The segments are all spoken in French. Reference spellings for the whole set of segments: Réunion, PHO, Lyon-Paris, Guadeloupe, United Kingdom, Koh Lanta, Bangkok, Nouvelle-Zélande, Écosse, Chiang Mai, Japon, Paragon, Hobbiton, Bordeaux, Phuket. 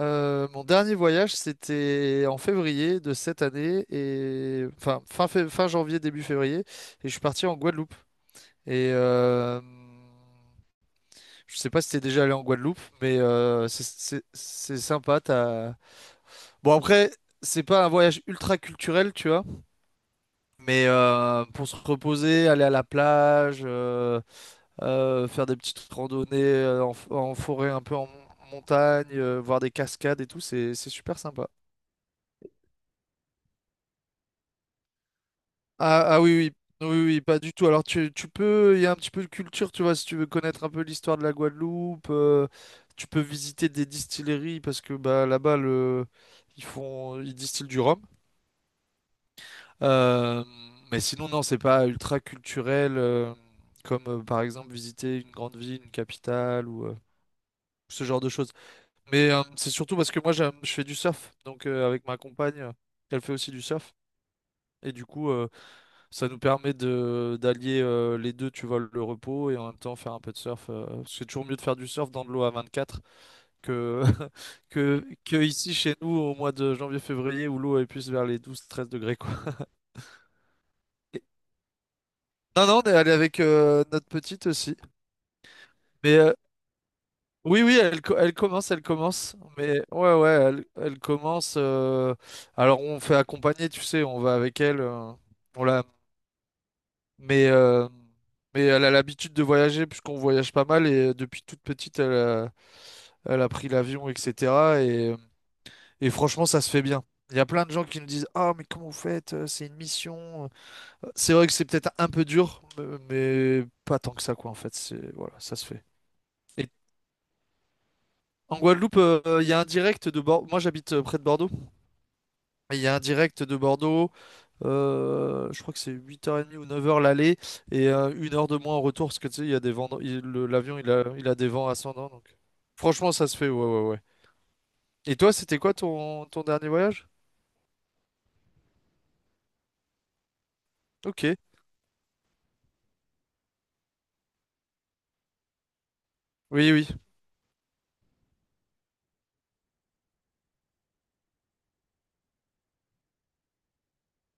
Mon dernier voyage, c'était en février de cette année, et fin janvier, début février, et je suis parti en Guadeloupe. Et euh, je sais pas si t'es déjà allé en Guadeloupe, mais c'est sympa. Bon après, c'est pas un voyage ultra culturel, tu vois, mais pour se reposer, aller à la plage, faire des petites randonnées en forêt, un peu en montagne, voir des cascades et tout, c'est super sympa. Ah, oui, oui, oui, oui, pas du tout. Alors tu peux, il y a un petit peu de culture, tu vois, si tu veux connaître un peu l'histoire de la Guadeloupe, tu peux visiter des distilleries parce que bah ils distillent du rhum. Euh, mais sinon non, c'est pas ultra culturel comme par exemple visiter une grande ville, une capitale ou ce genre de choses. Mais c'est surtout parce que je fais du surf, donc avec ma compagne, elle fait aussi du surf et du coup. Ça nous permet de d'allier les deux, tu vois, le repos et en même temps faire un peu de surf. Parce que c'est toujours mieux de faire du surf dans de l'eau à 24 que, que ici chez nous au mois de janvier-février où l'eau est plus vers les 12-13 degrés, quoi. Et- Non, non, on est allé avec notre petite aussi. Mais oui, oui, elle commence, elle commence. Mais ouais, ouais, elle commence. Alors on fait accompagner, tu sais, on va avec elle. On la, Mais, euh, mais elle a l'habitude de voyager puisqu'on voyage pas mal et depuis toute petite, elle a pris l'avion, etc. Et, euh, et franchement, ça se fait bien. Il y a plein de gens qui nous disent, Ah, mais comment vous faites? C'est une mission. C'est vrai que c'est peut-être un peu dur, mais pas tant que ça, quoi, en fait. C'est, voilà, ça se fait. Et en Guadeloupe, il y a un direct de Bordeaux. Moi, j'habite près de Bordeaux. Il y a un direct de Bordeaux, je crois que c'est 8h30 ou 9 heures l'aller, et une heure de moins en retour, parce que tu sais, il y a des vents, l'avion, il a des vents ascendants, donc franchement, ça se fait, ouais, ouais, ouais. Et toi, c'était quoi ton dernier voyage? Ok, oui, oui,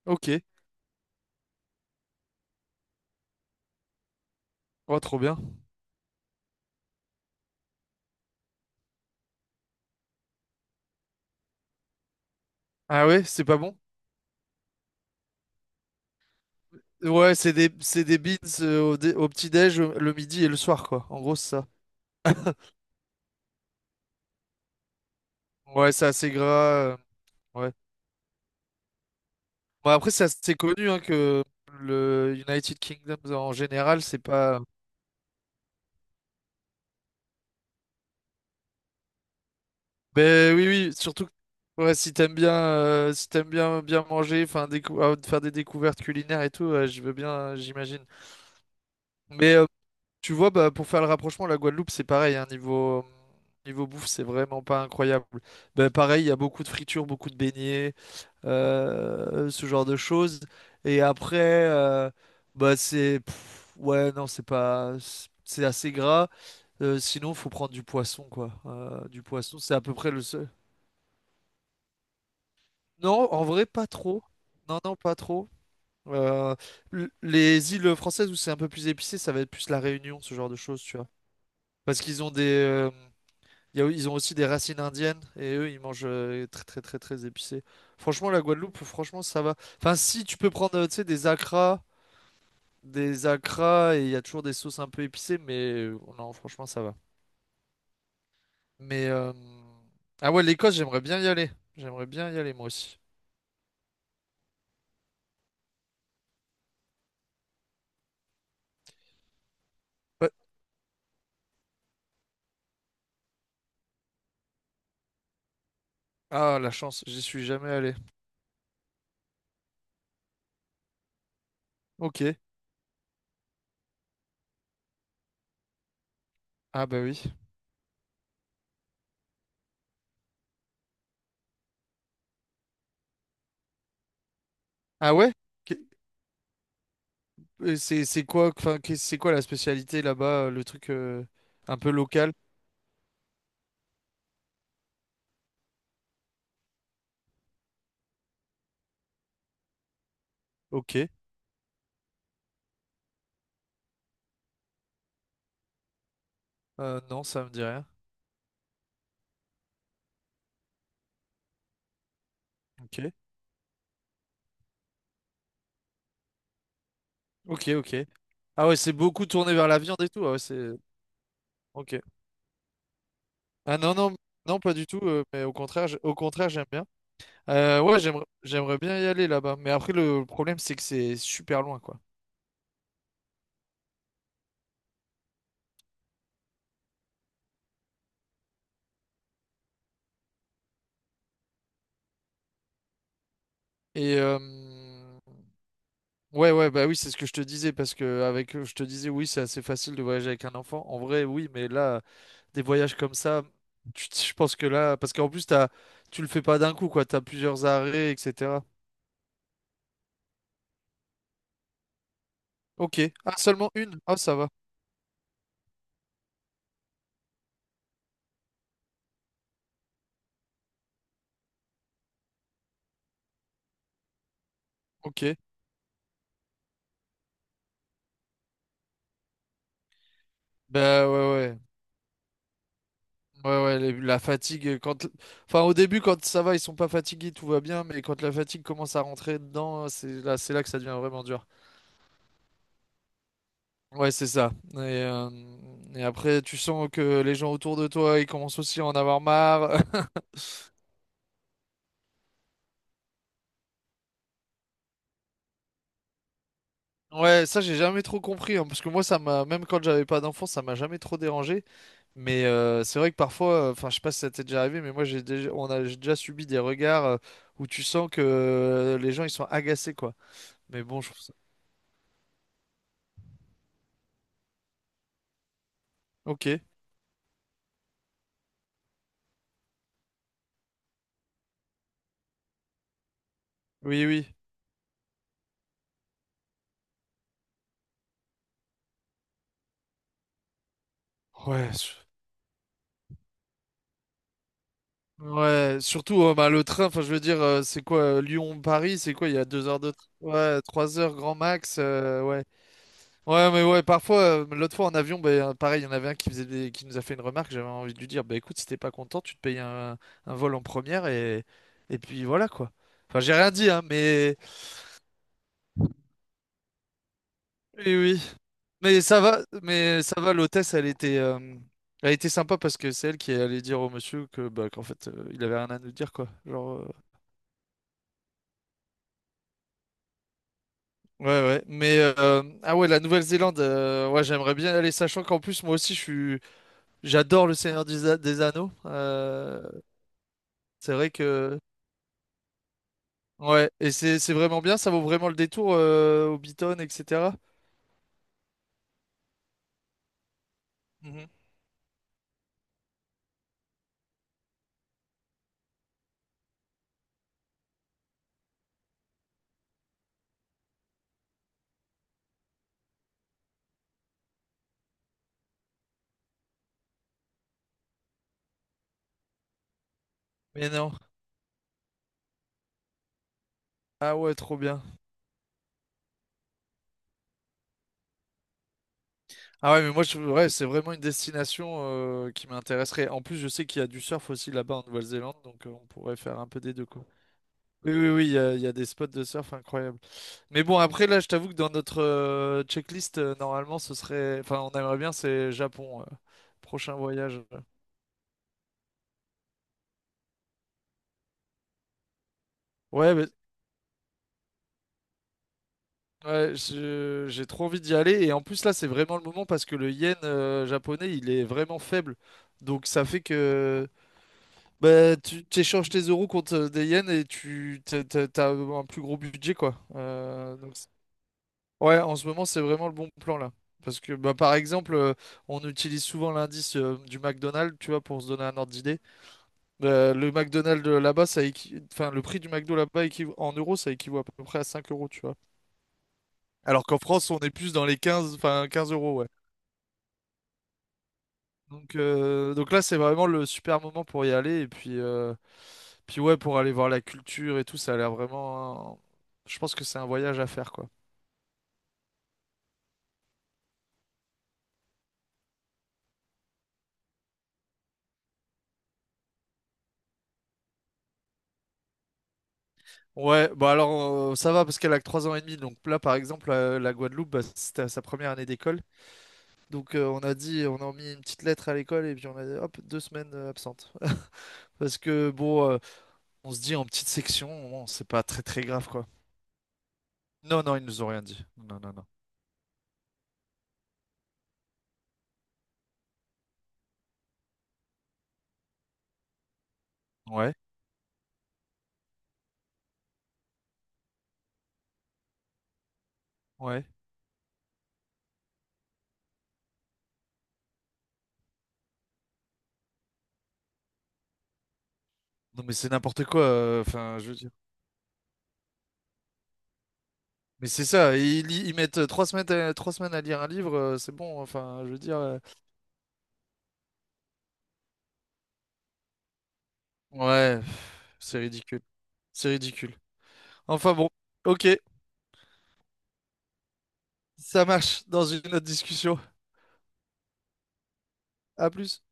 ok, oh, trop bien. Ah ouais, c'est pas bon? Ouais, c'est des beans au petit-déj, le midi et le soir, quoi, en gros, c'est ça. Ouais, c'est assez gras, euh, ouais. Bon, après, c'est assez connu, hein, que le United Kingdom, en général, c'est pas... Ben oui, oui, surtout que ouais, si t'aimes bien, si t'aimes bien bien manger, faire des découvertes culinaires et tout, ouais, je veux bien, j'imagine. Mais tu vois, bah, pour faire le rapprochement, la Guadeloupe, c'est pareil, hein, niveau bouffe, c'est vraiment pas incroyable. Ben, pareil, il y a beaucoup de fritures, beaucoup de beignets, ce genre de choses. Et après, euh, bah c'est pff, ouais, non, c'est pas, C'est assez gras. Sinon, faut prendre du poisson, quoi. Du poisson, c'est à peu près le seul. Non, en vrai, pas trop. Non, non, pas trop. Euh, les îles françaises où c'est un peu plus épicé, ça va être plus la Réunion, ce genre de choses, tu vois. Parce qu'ils ont des, y a- Ils ont aussi des racines indiennes et eux, ils mangent très, très, très, très épicé. Franchement, la Guadeloupe, franchement, ça va. Enfin, si tu peux prendre, tu sais, des acras et il y a toujours des sauces un peu épicées, mais non, franchement, ça va. Mais ah ouais, l'Écosse, j'aimerais bien y aller. J'aimerais bien y aller moi aussi. Ouais. Ah, la chance, j'y suis jamais allé. Ok. Ah bah oui. Ah ouais? Qu'est- c'est quoi la spécialité là-bas, le truc un peu local? Ok. Non, ça me dit rien. Ok. Ok, ok. Ah ouais, c'est beaucoup tourné vers la viande et tout. Ah ouais, c'est. Ok. Ah non, non, non, pas du tout. Mais au contraire, au contraire, j'aime bien. Ouais, j'aimerais bien y aller là-bas. Mais après, le problème, c'est que c'est super loin, quoi. Et euh, ouais, ouais, bah oui, c'est ce que je te disais parce que avec, je te disais, oui, c'est assez facile de voyager avec un enfant. En vrai, oui, mais là. Des voyages comme ça, je pense que là, parce qu'en plus, tu le fais pas d'un coup, quoi. T'as plusieurs arrêts, etc. Ok. Ah, seulement une. Ah, ça va. Ok. Bah ouais, ouais. Ouais, ouais, la fatigue, quand... Enfin, au début, quand ça va, ils sont pas fatigués, tout va bien, mais quand la fatigue commence à rentrer dedans, c'est là que ça devient vraiment dur. Ouais, c'est ça. Et après, tu sens que les gens autour de toi, ils commencent aussi à en avoir marre. Ouais, ça j'ai jamais trop compris, hein, parce que moi ça m'a, même quand j'avais pas d'enfant, ça m'a jamais trop dérangé. Mais c'est vrai que parfois, enfin je sais pas si ça t'est déjà arrivé, mais moi j'ai déjà, j'ai déjà subi des regards où tu sens que les gens ils sont agacés quoi. Mais bon, je trouve ça. Ok, oui, oui. Ouais, su- ouais. Surtout bah, le train, enfin je veux dire, c'est quoi Lyon-Paris, c'est quoi? Il y a 2 heures de, train, ouais, 3 heures grand max, ouais. Ouais, mais ouais, parfois, l'autre fois en avion, ben, pareil, il y en avait un qui nous a fait une remarque, j'avais envie de lui dire, bah écoute, si t'es pas content, tu te payes un vol en première et puis voilà quoi. Enfin, j'ai rien dit, hein, mais oui, oui. Mais ça va, elle était sympa parce que c'est elle qui est allée dire au monsieur que bah qu'en fait, il avait rien à nous dire quoi. Genre, ouais, ouais. Mais ah ouais, la Nouvelle-Zélande, ouais, j'aimerais bien aller, sachant qu'en plus, moi aussi, j'adore le Seigneur des Anneaux. C'est vrai que ouais, et c'est vraiment bien, ça vaut vraiment le détour, Hobbiton, etc. Mhm. Mais non. Ah ouais, trop bien. Ah ouais, mais moi, ouais, c'est vraiment une destination qui m'intéresserait. En plus, je sais qu'il y a du surf aussi là-bas en Nouvelle-Zélande, donc on pourrait faire un peu des deux, quoi. Oui, oui, oui, il y a des spots de surf incroyables. Mais bon, après, là, je t'avoue que dans notre checklist, normalement, ce serait... Enfin, on aimerait bien, c'est Japon, prochain voyage. Ouais, mais ouais, j'ai trop envie d'y aller. Et en plus, là, c'est vraiment le moment parce que le yen japonais, il est vraiment faible. Donc, ça fait que bah, tu échanges tes euros contre des yens et t'as un plus gros budget, quoi. Donc, ouais, en ce moment, c'est vraiment le bon plan, là. Parce que, bah, par exemple, on utilise souvent l'indice du McDonald's, tu vois, pour se donner un ordre d'idée. Le McDonald's là-bas, le prix du McDo là-bas en euros, ça équivaut à peu près à 5 euros, tu vois. Alors qu'en France, on est plus dans les 15, enfin 15 euros, ouais. Donc là, c'est vraiment le super moment pour y aller. Et puis, puis ouais, pour aller voir la culture et tout, ça a l'air vraiment. Je pense que c'est un voyage à faire, quoi. Ouais, bah alors ça va parce qu'elle a que 3 ans et demi. Donc là, par exemple, la Guadeloupe, bah, c'était à sa première année d'école. Donc on a dit, on a mis une petite lettre à l'école et puis on a dit, hop, 2 semaines absentes. Parce que bon, on se dit en petite section, bon, c'est pas très très grave, quoi. Non, non, ils nous ont rien dit. Non, non, non. Ouais, ouais. Non, mais c'est n'importe quoi, enfin, je veux dire. Mais c'est ça, ils mettent 3 semaines à lire un livre, c'est bon, enfin, je veux dire. Ouais, pff, c'est ridicule. Enfin bon, ok, ça marche dans une autre discussion. À plus.